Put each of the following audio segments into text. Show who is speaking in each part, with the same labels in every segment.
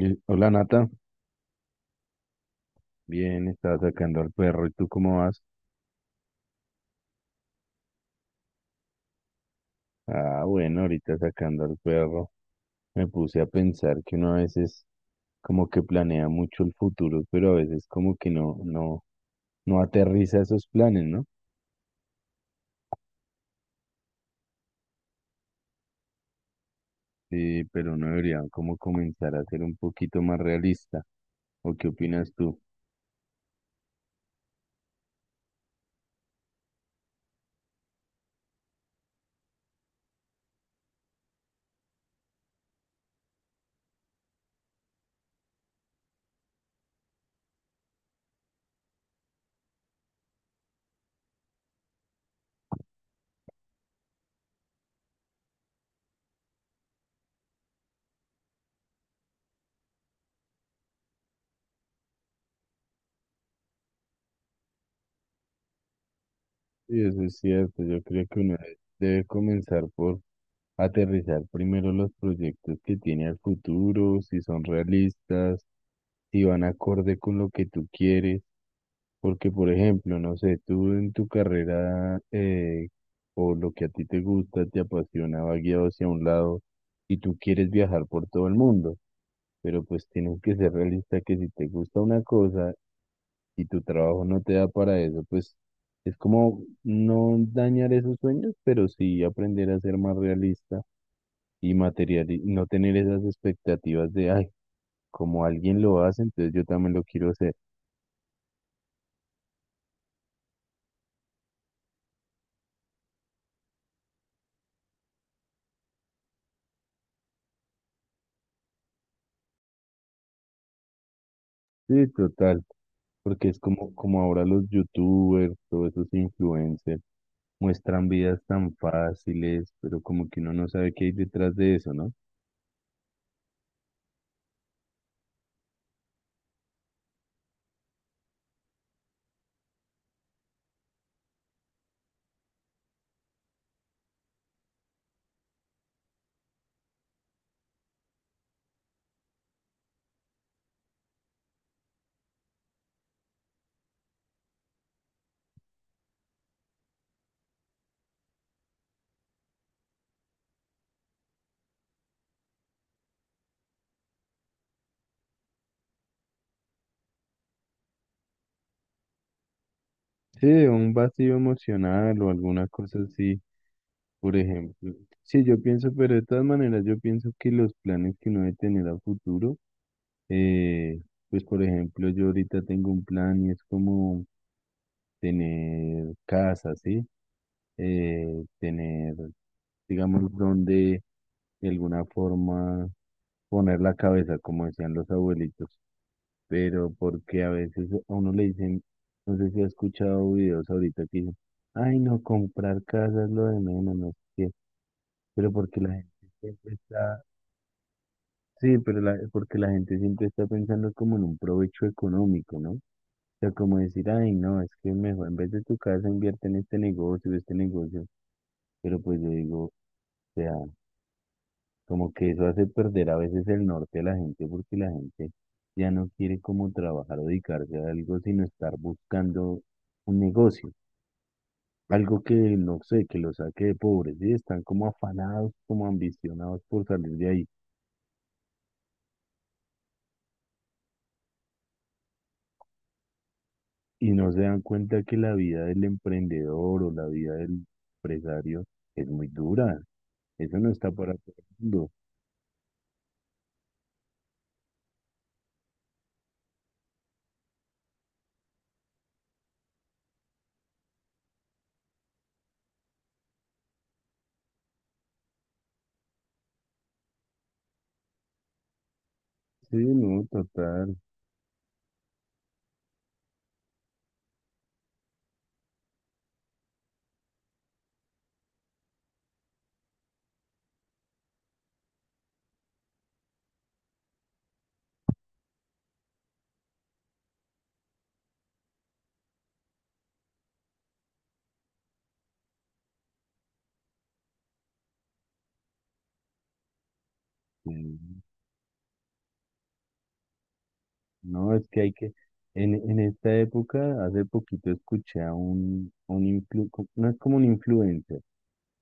Speaker 1: Hola Nata, bien, estaba sacando al perro, ¿y tú cómo vas? Ah, bueno, ahorita sacando al perro. Me puse a pensar que uno a veces como que planea mucho el futuro, pero a veces como que no aterriza esos planes, ¿no? Sí, pero uno debería como comenzar a ser un poquito más realista. ¿O qué opinas tú? Sí, eso es cierto. Yo creo que uno debe comenzar por aterrizar primero los proyectos que tiene al futuro, si son realistas, si van acorde con lo que tú quieres. Porque, por ejemplo, no sé, tú en tu carrera o lo que a ti te gusta, te apasiona, va guiado hacia un lado y tú quieres viajar por todo el mundo, pero pues tienes que ser realista que si te gusta una cosa si tu trabajo no te da para eso, pues es como no dañar esos sueños, pero sí aprender a ser más realista y material y no tener esas expectativas de, ay, como alguien lo hace, entonces yo también lo quiero hacer. Sí, total, porque es como, como ahora los youtubers, todos esos influencers, muestran vidas tan fáciles, pero como que uno no sabe qué hay detrás de eso, ¿no? Sí, un vacío emocional o alguna cosa así por ejemplo. Sí, yo pienso, pero de todas maneras, yo pienso que los planes que uno debe tener a futuro, eh, pues por ejemplo, yo ahorita tengo un plan y es como tener casa, ¿sí? Tener, digamos, donde de alguna forma poner la cabeza, como decían los abuelitos, pero porque a veces a uno le dicen, no sé si ha escuchado videos ahorita que dicen, ay, no, comprar casa es lo de menos, no sé qué, pero porque la gente siempre está. Sí, pero la, porque la gente siempre está pensando como en un provecho económico, ¿no? O sea, como decir, ay, no, es que mejor en vez de tu casa invierte en este negocio, este negocio. Pero pues yo digo, o sea, como que eso hace perder a veces el norte a la gente porque la gente ya no quiere como trabajar o dedicarse a algo, sino estar buscando un negocio, algo que no sé, que lo saque de pobre, ¿sí? Están como afanados, como ambicionados por salir de ahí. Y no se dan cuenta que la vida del emprendedor o la vida del empresario es muy dura. Eso no está para todo el mundo. Sí, no, total. Sí. No, es que hay que... En esta época, hace poquito escuché a un no es como un influencer,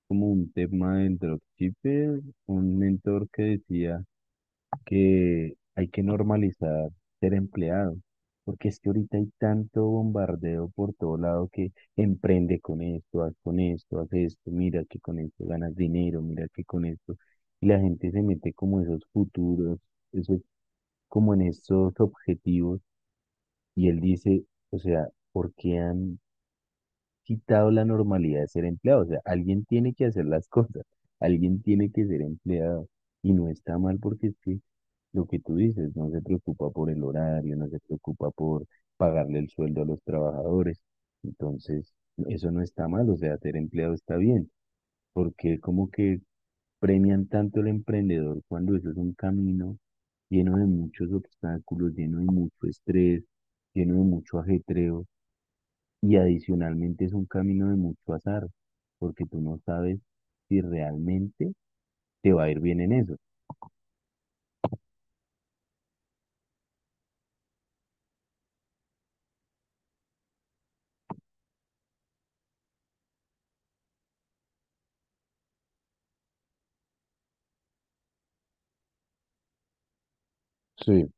Speaker 1: como un tema del dropshipper, un mentor que decía que hay que normalizar ser empleado, porque es que ahorita hay tanto bombardeo por todo lado que emprende con esto, haz esto, mira que con esto ganas dinero, mira que con esto, y la gente se mete como esos futuros, esos, como en esos objetivos, y él dice, o sea, ¿por qué han quitado la normalidad de ser empleado? O sea, alguien tiene que hacer las cosas, alguien tiene que ser empleado. Y no está mal porque es que lo que tú dices, no se preocupa por el horario, no se preocupa por pagarle el sueldo a los trabajadores. Entonces, eso no está mal, o sea, ser empleado está bien, porque como que premian tanto al emprendedor cuando eso es un camino lleno de muchos obstáculos, lleno de mucho estrés, lleno de mucho ajetreo. Y adicionalmente es un camino de mucho azar, porque tú no sabes si realmente te va a ir bien en eso. Sí,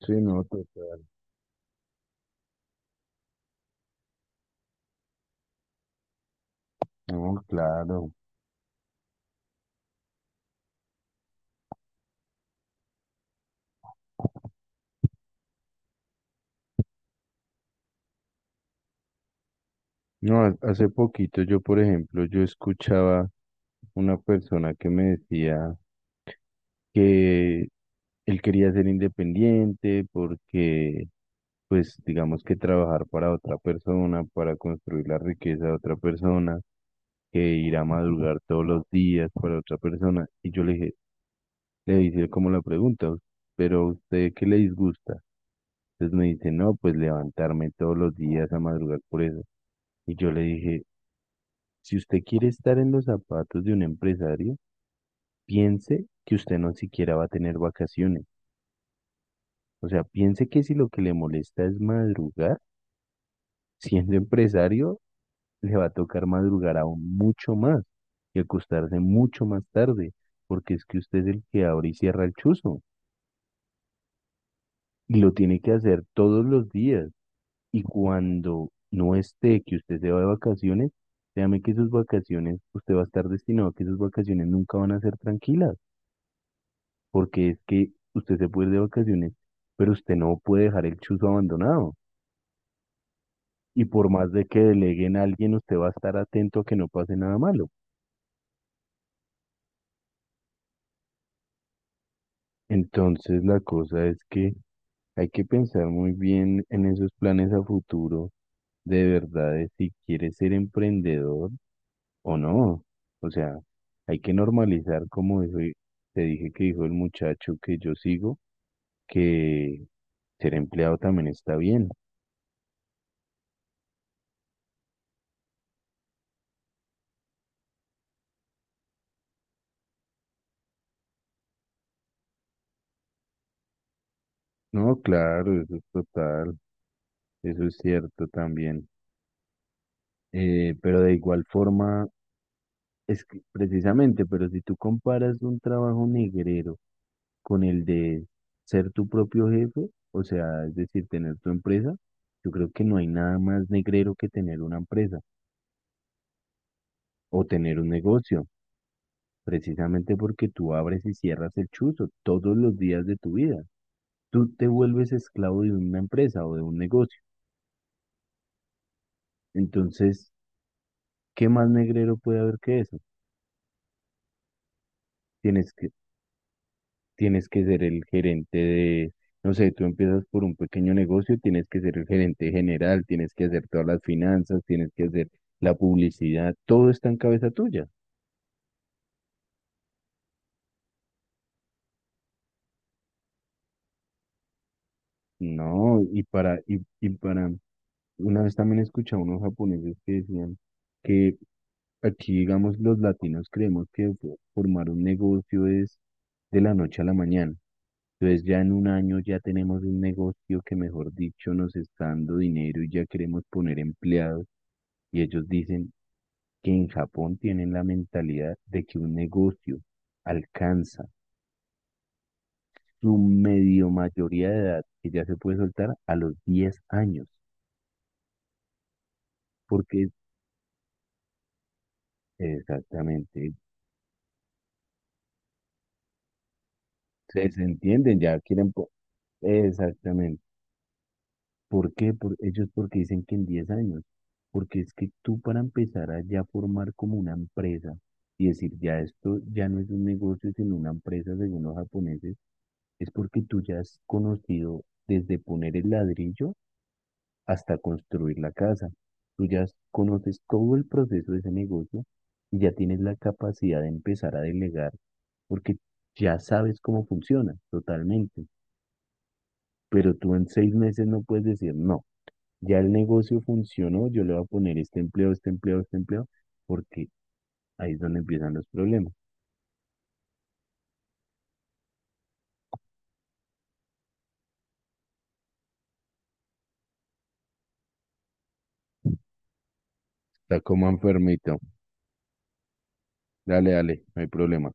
Speaker 1: sí, no, total. No, claro. No, hace poquito yo, por ejemplo, yo escuchaba una persona que me decía que él quería ser independiente porque, pues, digamos que trabajar para otra persona, para construir la riqueza de otra persona, que ir a madrugar todos los días para otra persona. Y yo le dije, le hice como la pregunta, pero ¿a usted qué le disgusta? Entonces me dice, no, pues levantarme todos los días a madrugar por eso. Y yo le dije, si usted quiere estar en los zapatos de un empresario, piense que usted no siquiera va a tener vacaciones. O sea, piense que si lo que le molesta es madrugar, siendo empresario, le va a tocar madrugar aún mucho más y acostarse mucho más tarde, porque es que usted es el que abre y cierra el chuzo y lo tiene que hacer todos los días. Y cuando no esté, que usted se va de vacaciones, créame que sus vacaciones, usted va a estar destinado a que sus vacaciones nunca van a ser tranquilas, porque es que usted se puede ir de vacaciones, pero usted no puede dejar el chuzo abandonado. Y por más de que deleguen a alguien, usted va a estar atento a que no pase nada malo. Entonces, la cosa es que hay que pensar muy bien en esos planes a futuro, de verdad, de si quieres ser emprendedor o no. O sea, hay que normalizar, te dije que dijo el muchacho que yo sigo, que ser empleado también está bien. No, claro, eso es total, eso es cierto también. Pero de igual forma... Es que precisamente, pero si tú comparas un trabajo negrero con el de ser tu propio jefe, o sea, es decir, tener tu empresa, yo creo que no hay nada más negrero que tener una empresa o tener un negocio, precisamente porque tú abres y cierras el chuzo todos los días de tu vida. Tú te vuelves esclavo de una empresa o de un negocio. Entonces, ¿qué más negrero puede haber que eso? Tienes tienes que ser el gerente de, no sé, tú empiezas por un pequeño negocio, tienes que ser el gerente general, tienes que hacer todas las finanzas, tienes que hacer la publicidad, todo está en cabeza tuya. No, y para, y, y para, una vez también escuché a unos japoneses que decían que aquí, digamos, los latinos creemos que formar un negocio es de la noche a la mañana. Entonces ya en un año ya tenemos un negocio que, mejor dicho, nos está dando dinero y ya queremos poner empleados. Y ellos dicen, que en Japón tienen la mentalidad de que un negocio alcanza su medio mayoría de edad, que ya se puede soltar a los 10 años, porque exactamente, se entienden, ya quieren, exactamente. ¿Por qué? Por, ellos porque dicen que en 10 años, porque es que tú para empezar a ya formar como una empresa y decir, ya esto ya no es un negocio, sino una empresa según los japoneses, es porque tú ya has conocido desde poner el ladrillo hasta construir la casa. Tú ya conoces todo el proceso de ese negocio y ya tienes la capacidad de empezar a delegar porque ya sabes cómo funciona totalmente. Pero tú en 6 meses no puedes decir, no, ya el negocio funcionó, yo le voy a poner este empleo, este empleo, este empleo, porque ahí es donde empiezan los problemas. Está como enfermito. Dale, dale, no hay problema.